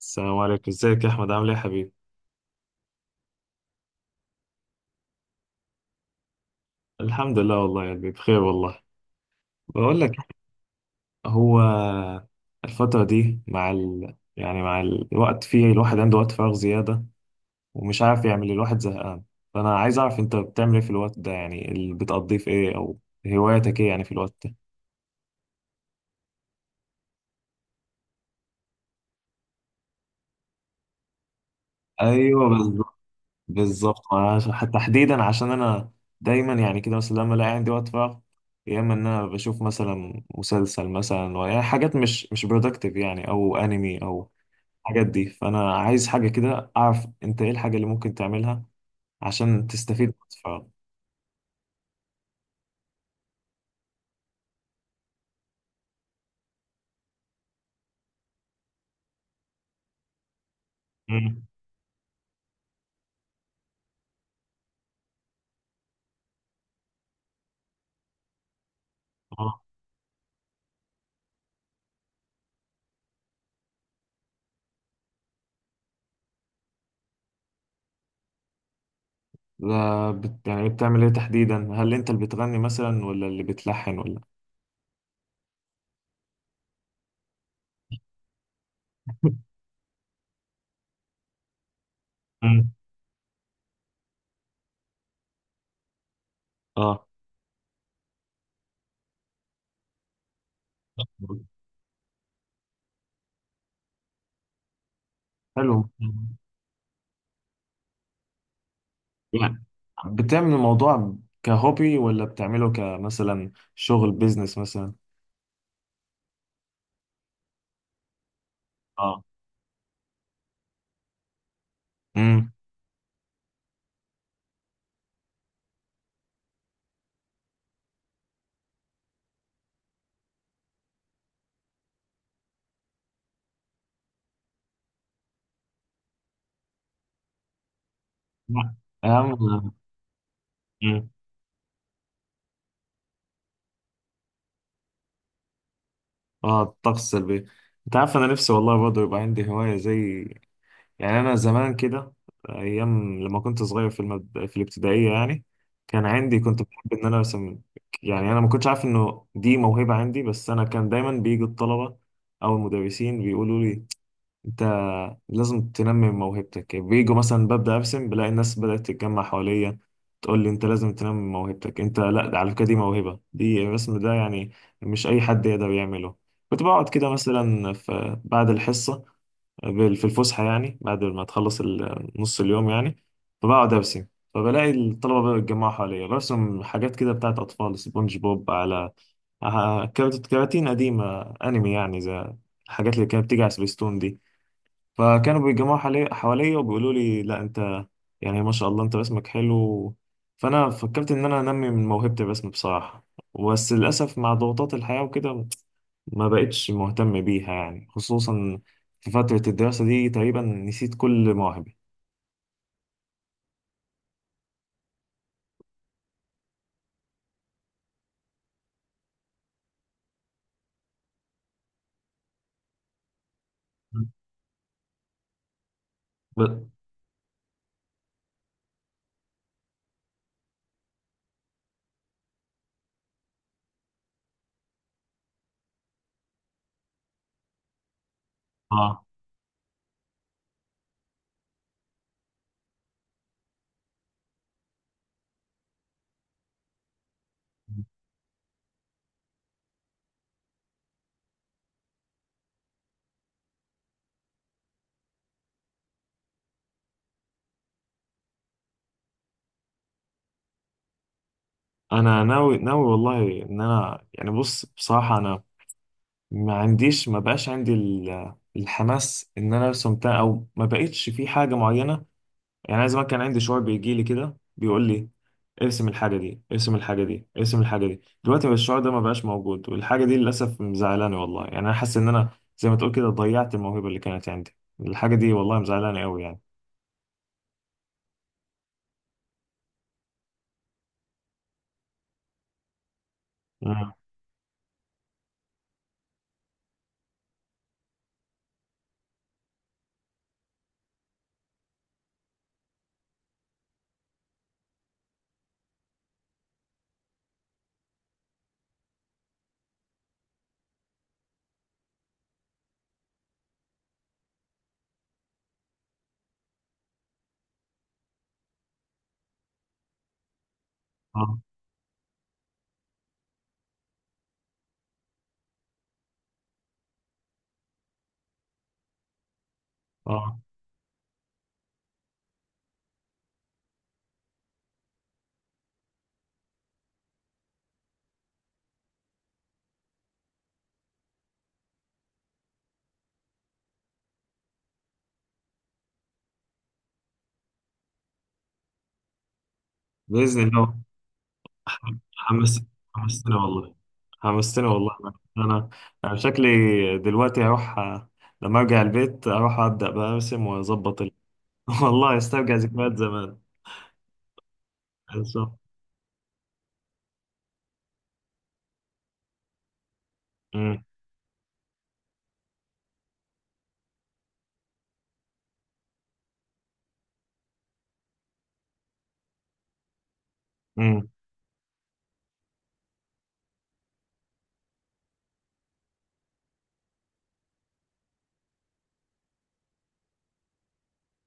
السلام عليكم، ازيك يا احمد؟ عامل ايه يا حبيبي؟ الحمد لله والله، يعني بخير والله. بقول لك، هو الفترة دي مع ال... يعني مع الوقت فيه الواحد عنده وقت فراغ زيادة ومش عارف يعمل، الواحد زهقان. فانا عايز اعرف انت بتعمل ايه في الوقت ده، يعني اللي بتقضيه في ايه، او هواياتك ايه يعني في الوقت ده. ايوه بالظبط. بالظبط، حتى تحديدا عشان انا دايما يعني كده، مثلا لما الاقي عندي وقت فراغ، يا اما ان انا بشوف مثلا مسلسل مثلا، يعني حاجات مش برودكتيف يعني، او انمي او الحاجات دي. فانا عايز حاجه كده، اعرف انت ايه الحاجه اللي ممكن تعملها عشان تستفيد من الفراغ. مم. اه. لا بت... يعني بتعمل ايه تحديدا؟ هل انت اللي بتغني مثلا ولا اللي بتلحن ولا؟ مم. اه. حلو. يعني بتعمل الموضوع كهوبي ولا بتعمله كمثلا شغل بيزنس مثلا؟ اه. امم. لا. اهم. مم. اه الطقس السلبي. انت عارف انا نفسي والله برضه يبقى عندي هوايه زي، يعني أنا زمان كده، أيام لما كنت صغير في في الابتدائية يعني، كان عندي، كنت بحب إن أنا أرسم. يعني أنا ما كنتش عارف إنه دي موهبة عندي، بس أنا كان دايما بيجي الطلبة أو المدرسين بيقولوا لي أنت لازم تنمي من موهبتك. بيجوا مثلا ببدأ أرسم، بلاقي الناس بدأت تتجمع حواليا، تقول لي أنت لازم تنمي من موهبتك، أنت لا، ده على فكرة دي موهبة، دي الرسم ده يعني مش أي حد يقدر يعمله. كنت بقعد كده مثلا في بعد الحصة في الفسحة، يعني بعد ما تخلص نص اليوم يعني، فبقعد أرسم، فبلاقي الطلبة بقى بيتجمعوا حواليا، برسم حاجات كده بتاعت أطفال سبونج بوب، على كراتين قديمة، أنمي يعني زي الحاجات اللي كانت بتيجي على سبيستون دي. فكانوا بيتجمعوا حواليا وبيقولوا لي لا أنت، يعني ما شاء الله أنت رسمك حلو. فأنا فكرت إن أنا أنمي من موهبة الرسم بصراحة، بس للأسف مع ضغوطات الحياة وكده ما بقتش مهتم بيها، يعني خصوصا في فترة الدراسة دي تقريبا نسيت كل مواهبي. ب- اه. انا ناوي ناوي والله ان انا يعني، بص بصراحة انا ما عنديش، ما بقاش عندي الحماس ان انا ارسم، او ما بقتش في حاجة معينة. يعني أنا زمان كان عندي شعور بيجي لي كده بيقول لي ارسم الحاجة دي، ارسم الحاجة دي، ارسم الحاجة دي. دلوقتي الشعور ده ما بقاش موجود، والحاجة دي للأسف مزعلاني والله، يعني أنا حاسس إن أنا زي ما تقول كده ضيعت الموهبة اللي كانت عندي. الحاجة دي والله مزعلاني أوي يعني. آه. آه. آه. بإذن الله. ح- حمس حمستني والله. حمستني والله. أنا، أنا شكلي دلوقتي هروح لما أرجع البيت أروح أبدأ بقى أرسم وأظبط والله أسترجع ذكريات زمان. إن شاء الله. مم. مم.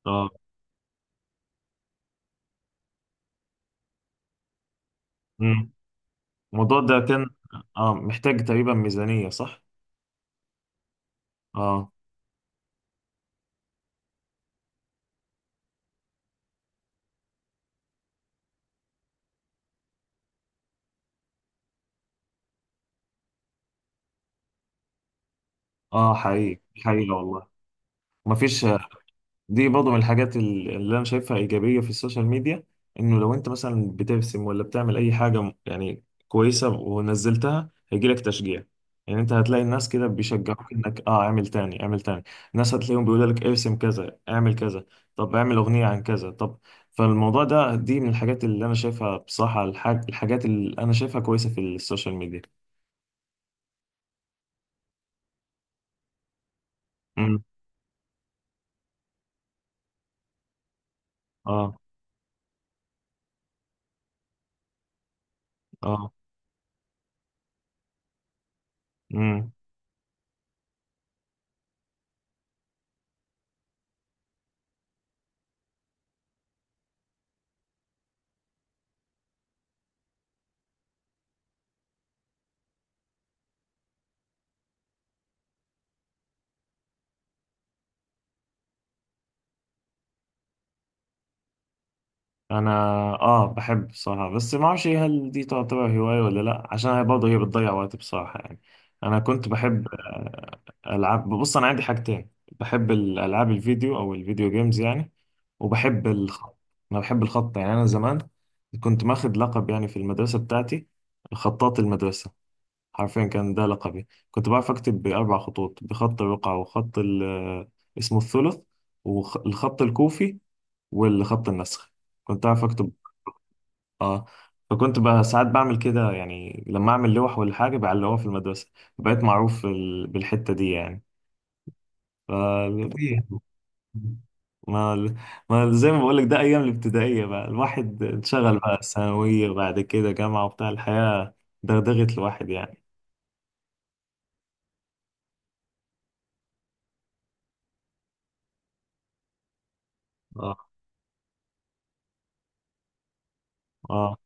اه. مم. الموضوع ده كان، اه، محتاج تقريبا ميزانية، صح؟ اه. اه حقيقي، حقيقة والله. مفيش. دي برضه من الحاجات اللي انا شايفها ايجابيه في السوشيال ميديا، انه لو انت مثلا بترسم ولا بتعمل اي حاجه يعني كويسه ونزلتها هيجيلك تشجيع. يعني انت هتلاقي الناس كده بيشجعوك انك، اه، اعمل تاني، اعمل تاني. الناس هتلاقيهم بيقولوا لك ارسم كذا، اعمل كذا، طب اعمل اغنيه عن كذا، طب. فالموضوع ده، دي من الحاجات اللي انا شايفها بصراحه، الحاجات اللي انا شايفها كويسه في السوشيال ميديا. امم. اه. اه. امم. انا اه بحب بصراحه، بس ما اعرفش هل دي تعتبر هوايه ولا لا، عشان هي برضه، بتضيع وقت بصراحه يعني. انا كنت بحب العاب. بص انا عندي حاجتين، بحب الالعاب الفيديو او الفيديو جيمز يعني، وبحب الخط. انا بحب الخط، يعني انا زمان كنت ماخد لقب يعني في المدرسه بتاعتي، خطاط المدرسه. حرفيا كان ده لقبي، كنت بعرف اكتب باربع خطوط، بخط الرقعه وخط اسمه الثلث، والخط الكوفي، والخط النسخ. كنت أعرف أكتب. اه. فكنت بقى ساعات بعمل كده، يعني لما اعمل لوح ولا حاجه بعلقها في المدرسه، بقيت معروف بالحته دي يعني. ف... طبيعي. ما ما زي ما بقولك ده ايام الابتدائيه، بقى الواحد اتشغل بقى ثانويه بعد كده جامعه وبتاع، الحياه دغدغت الواحد يعني. اه. اه.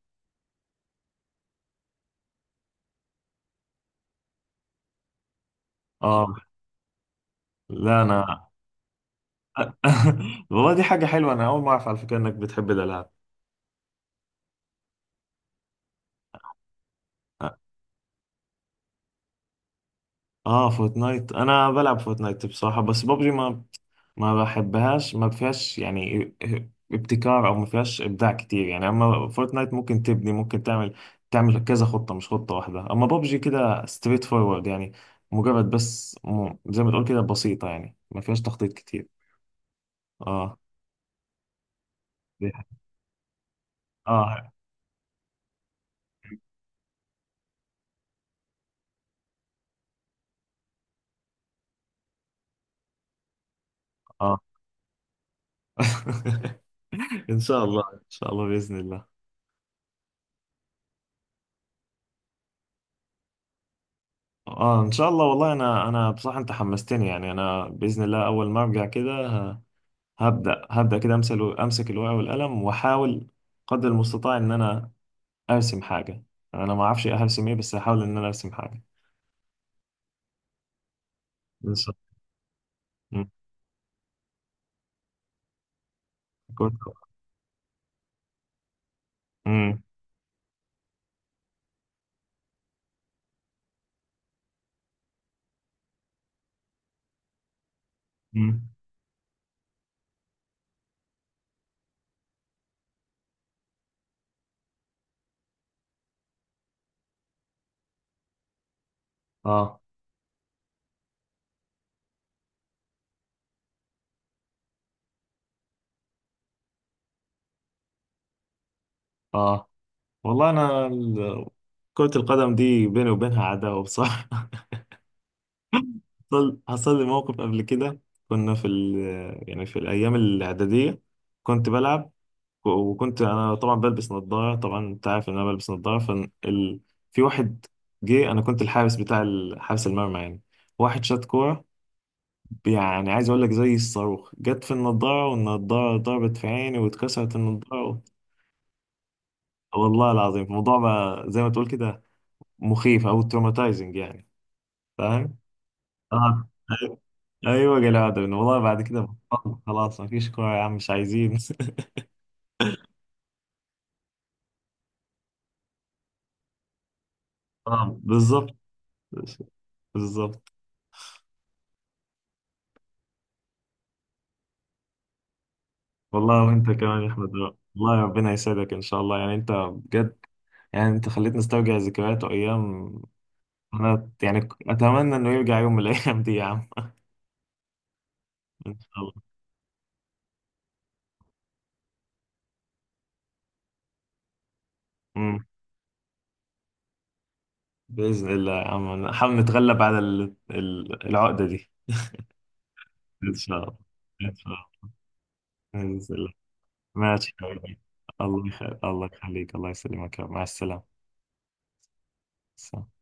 اه. لا انا. والله دي حاجه حلوه، انا اول ما اعرف على فكره انك بتحب الالعاب. اه. آه، فورتنايت، انا بلعب فورتنايت بصراحه، بس بابجي ما، ما بحبهاش، ما فيهاش يعني ابتكار، او ما فيهاش ابداع كتير يعني. اما فورتنايت ممكن تبني، ممكن تعمل، كذا خطه، مش خطه واحده. اما بابجي كده ستريت فورورد يعني، مجرد بس زي ما تقول كده بسيطه، يعني ما فيهاش تخطيط كتير. اه. دي ح- اه. اه. ان شاء الله، ان شاء الله، باذن الله. اه ان شاء الله والله. انا بصراحه انت حمستني. يعني انا باذن الله اول ما ارجع كده هبدأ كده، امسك الورقة والقلم واحاول قدر المستطاع ان انا ارسم حاجة. انا ما اعرفش هرسم ايه، بس هحاول ان انا ارسم حاجة. ان شاء الله. مم. كرة. امم. امم. اه. اه. والله انا كرة القدم دي بيني وبينها عداوة بصراحة. حصل لي موقف قبل كده، كنا في يعني في الايام الاعدادية، كنت بلعب، وكنت انا طبعا بلبس نظاره. طبعا انت عارف ان انا بلبس نظاره، في واحد جه، انا كنت الحارس بتاع حارس المرمى يعني، واحد شاط كوره، يعني عايز اقول لك زي الصاروخ، جت في النظاره والنظاره ضربت في عيني واتكسرت النظاره. والله العظيم الموضوع بقى زي ما تقول كده مخيف او تروماتايزنج يعني، فاهم. اه. ايوه جالي عقدة منه. والله بعد كده بطلت، خلاص مفيش كوره يا عم، مش عايزين. اه بالظبط. بالظبط. والله وانت كمان يا احمد، والله ربنا يسعدك ان شاء الله، يعني انت بجد يعني انت خليتني استرجع ذكريات وايام. انا يعني اتمنى انه يرجع يوم من الايام دي يا عم. ان شاء الله. امم. باذن الله يا عم، نحاول نتغلب على العقده دي. ان شاء الله، ان شاء الله، باذن الله. ماشي يا حبيبي. الله يخليك، الله يخليك، الله يسلمك يا رب. مع السلامه. سلام.